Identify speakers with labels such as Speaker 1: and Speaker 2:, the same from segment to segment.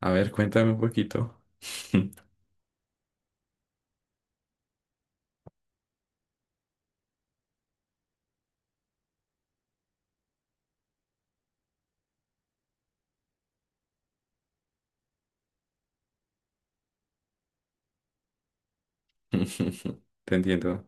Speaker 1: A ver, cuéntame un poquito. Te entiendo.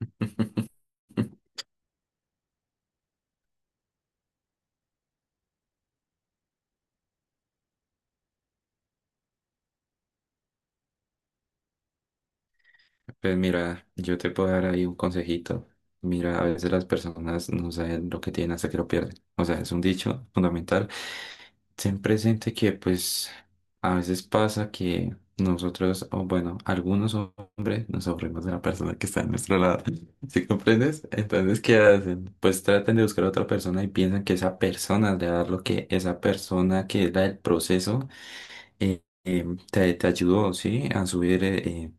Speaker 1: Pues mira, yo te puedo dar ahí un consejito. Mira, a veces las personas no saben lo que tienen hasta que lo pierden. O sea, es un dicho fundamental. Ten presente que pues a veces pasa que nosotros, o bueno, algunos hombres nos aburrimos de la persona que está a nuestro lado. ¿Sí comprendes? Entonces, ¿qué hacen? Pues tratan de buscar a otra persona y piensan que esa persona le va a dar lo que esa persona que era el proceso eh, eh, te ayudó, ¿sí? A subir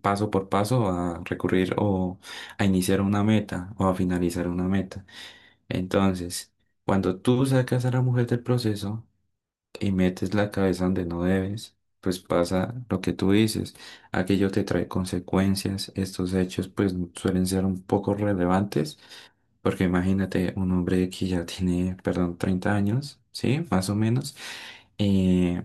Speaker 1: paso por paso, a recurrir o a iniciar una meta o a finalizar una meta. Entonces, cuando tú sacas a la mujer del proceso, y metes la cabeza donde no debes, pues pasa lo que tú dices. Aquello te trae consecuencias. Estos hechos pues suelen ser un poco relevantes, porque imagínate un hombre que ya tiene, perdón, 30 años, ¿sí? Más o menos, eh,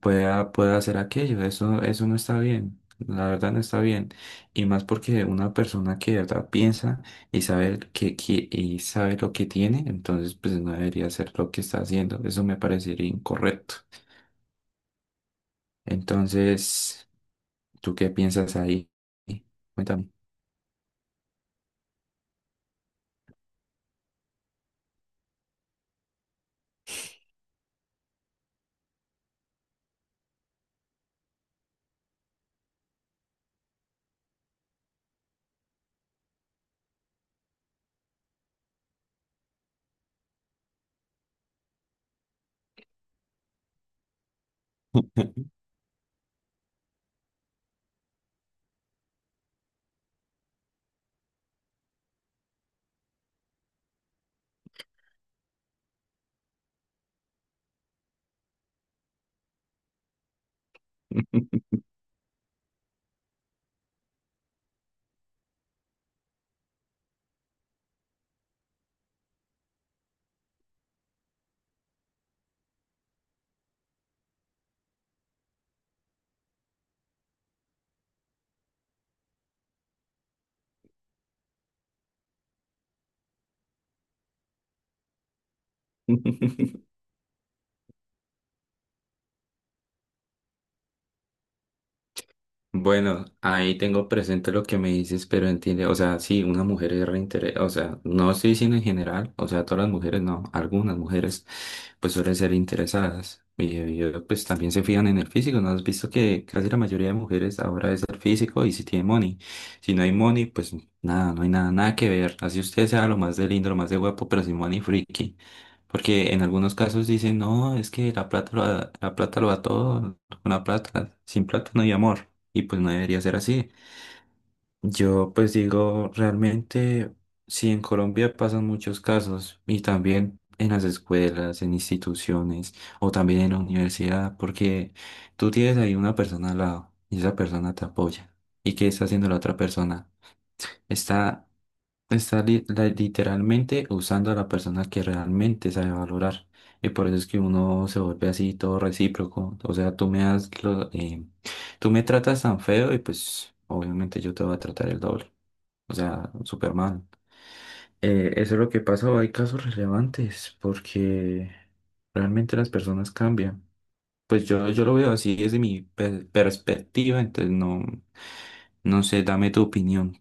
Speaker 1: pueda hacer aquello. Eso no está bien. La verdad no está bien. Y más porque una persona que de verdad piensa y sabe y sabe lo que tiene, entonces pues no debería hacer lo que está haciendo. Eso me parecería incorrecto. Entonces, ¿tú qué piensas ahí? Cuéntame. Bueno, ahí tengo presente lo que me dices, pero entiende, o sea, sí, una mujer es reinteres, o sea, no estoy diciendo en general, o sea, todas las mujeres, no, algunas mujeres pues suelen ser interesadas y, pues también se fijan en el físico, ¿no? Has visto que casi la mayoría de mujeres ahora es el físico y si tiene money, si no hay money, pues nada, no hay nada, nada que ver, así usted sea lo más de lindo, lo más de guapo, pero sin money, friki. Porque en algunos casos dicen, no, es que la plata lo da todo, con la plata, sin plata no hay amor y pues no debería ser así. Yo pues digo, realmente, si en Colombia pasan muchos casos y también en las escuelas, en instituciones o también en la universidad, porque tú tienes ahí una persona al lado y esa persona te apoya. ¿Y qué está haciendo la otra persona? Está, está literalmente usando a la persona que realmente sabe valorar. Y por eso es que uno se vuelve así todo recíproco. O sea, tú me tratas tan feo y pues obviamente yo te voy a tratar el doble. O sea, súper mal. Eso es lo que pasa. O hay casos relevantes porque realmente las personas cambian. Pues yo lo veo así desde mi perspectiva, entonces no, no sé, dame tu opinión.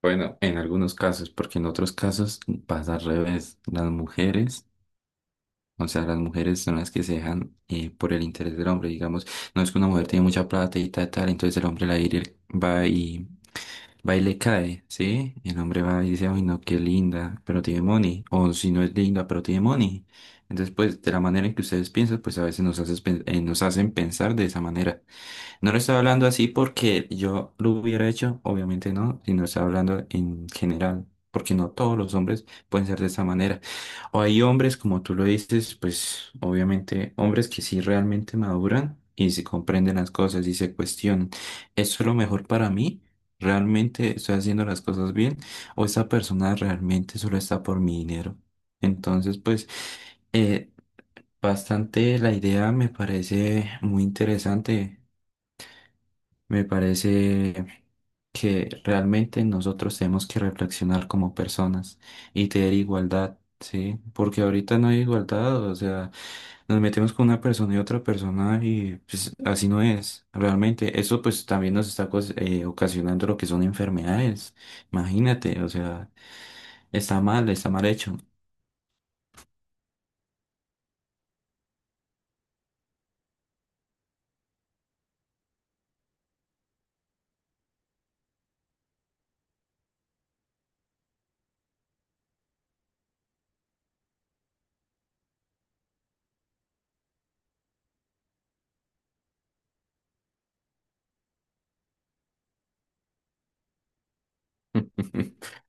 Speaker 1: Bueno, en algunos casos, porque en otros casos pasa al revés. Las mujeres, o sea, las mujeres son las que se dejan por el interés del hombre, digamos. No es que una mujer tiene mucha plata y tal, tal, entonces el hombre la ir- va y, va y le cae, ¿sí? El hombre va y dice, ay, no, qué linda, pero tiene money. O si no es linda, pero tiene money. Entonces, pues, de la manera en que ustedes piensan, pues a veces nos hacen pensar de esa manera. No lo estoy hablando así porque yo lo hubiera hecho, obviamente no, sino estoy hablando en general, porque no todos los hombres pueden ser de esa manera. O hay hombres, como tú lo dices, pues obviamente hombres que sí realmente maduran y se comprenden las cosas y se cuestionan. ¿Esto es lo mejor para mí? ¿Realmente estoy haciendo las cosas bien? ¿O esta persona realmente solo está por mi dinero? Entonces, pues, eh, bastante la idea me parece muy interesante. Me parece que realmente nosotros tenemos que reflexionar como personas y tener igualdad, ¿sí? Porque ahorita no hay igualdad, o sea, nos metemos con una persona y otra persona y pues así no es, realmente. Eso pues también nos está ocasionando lo que son enfermedades, imagínate, o sea, está mal hecho.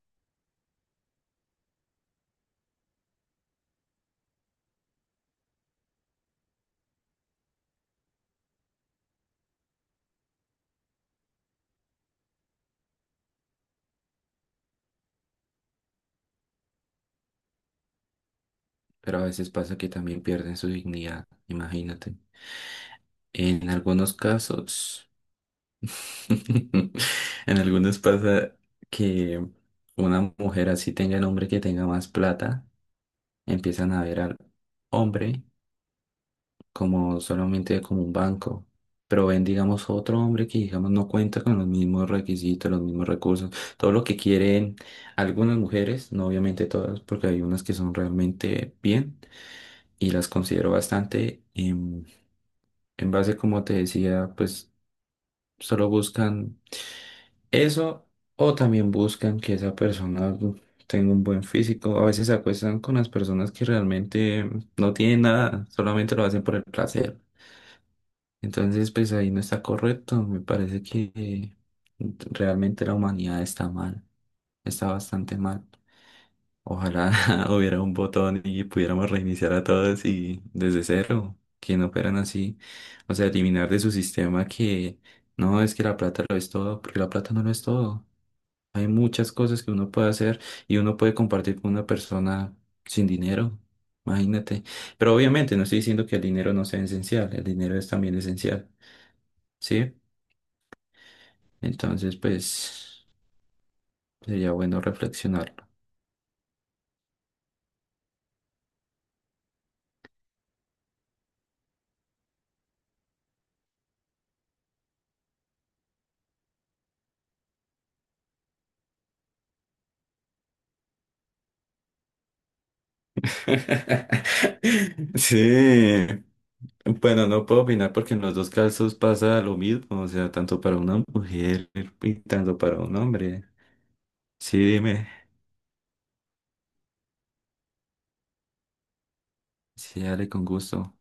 Speaker 1: Pero a veces pasa que también pierden su dignidad, imagínate. En algunos casos. En algunos pasa que una mujer así tenga el hombre que tenga más plata, empiezan a ver al hombre como solamente como un banco, pero ven, digamos, otro hombre que, digamos, no cuenta con los mismos requisitos, los mismos recursos, todo lo que quieren algunas mujeres, no obviamente todas, porque hay unas que son realmente bien y las considero bastante, en base, como te decía, pues solo buscan eso, o también buscan que esa persona tenga un buen físico. A veces se acuestan con las personas que realmente no tienen nada, solamente lo hacen por el placer. Entonces, pues ahí no está correcto. Me parece que realmente la humanidad está mal, está bastante mal. Ojalá hubiera un botón y pudiéramos reiniciar a todos y desde cero, que no operan así. O sea, eliminar de su sistema que no es que la plata lo es todo, porque la plata no lo es todo. Hay muchas cosas que uno puede hacer y uno puede compartir con una persona sin dinero, imagínate. Pero obviamente no estoy diciendo que el dinero no sea esencial, el dinero es también esencial, ¿sí? Entonces, pues sería bueno reflexionarlo. Sí, bueno, no puedo opinar porque en los dos casos pasa lo mismo, o sea, tanto para una mujer y tanto para un hombre. Sí, dime. Sí, dale con gusto.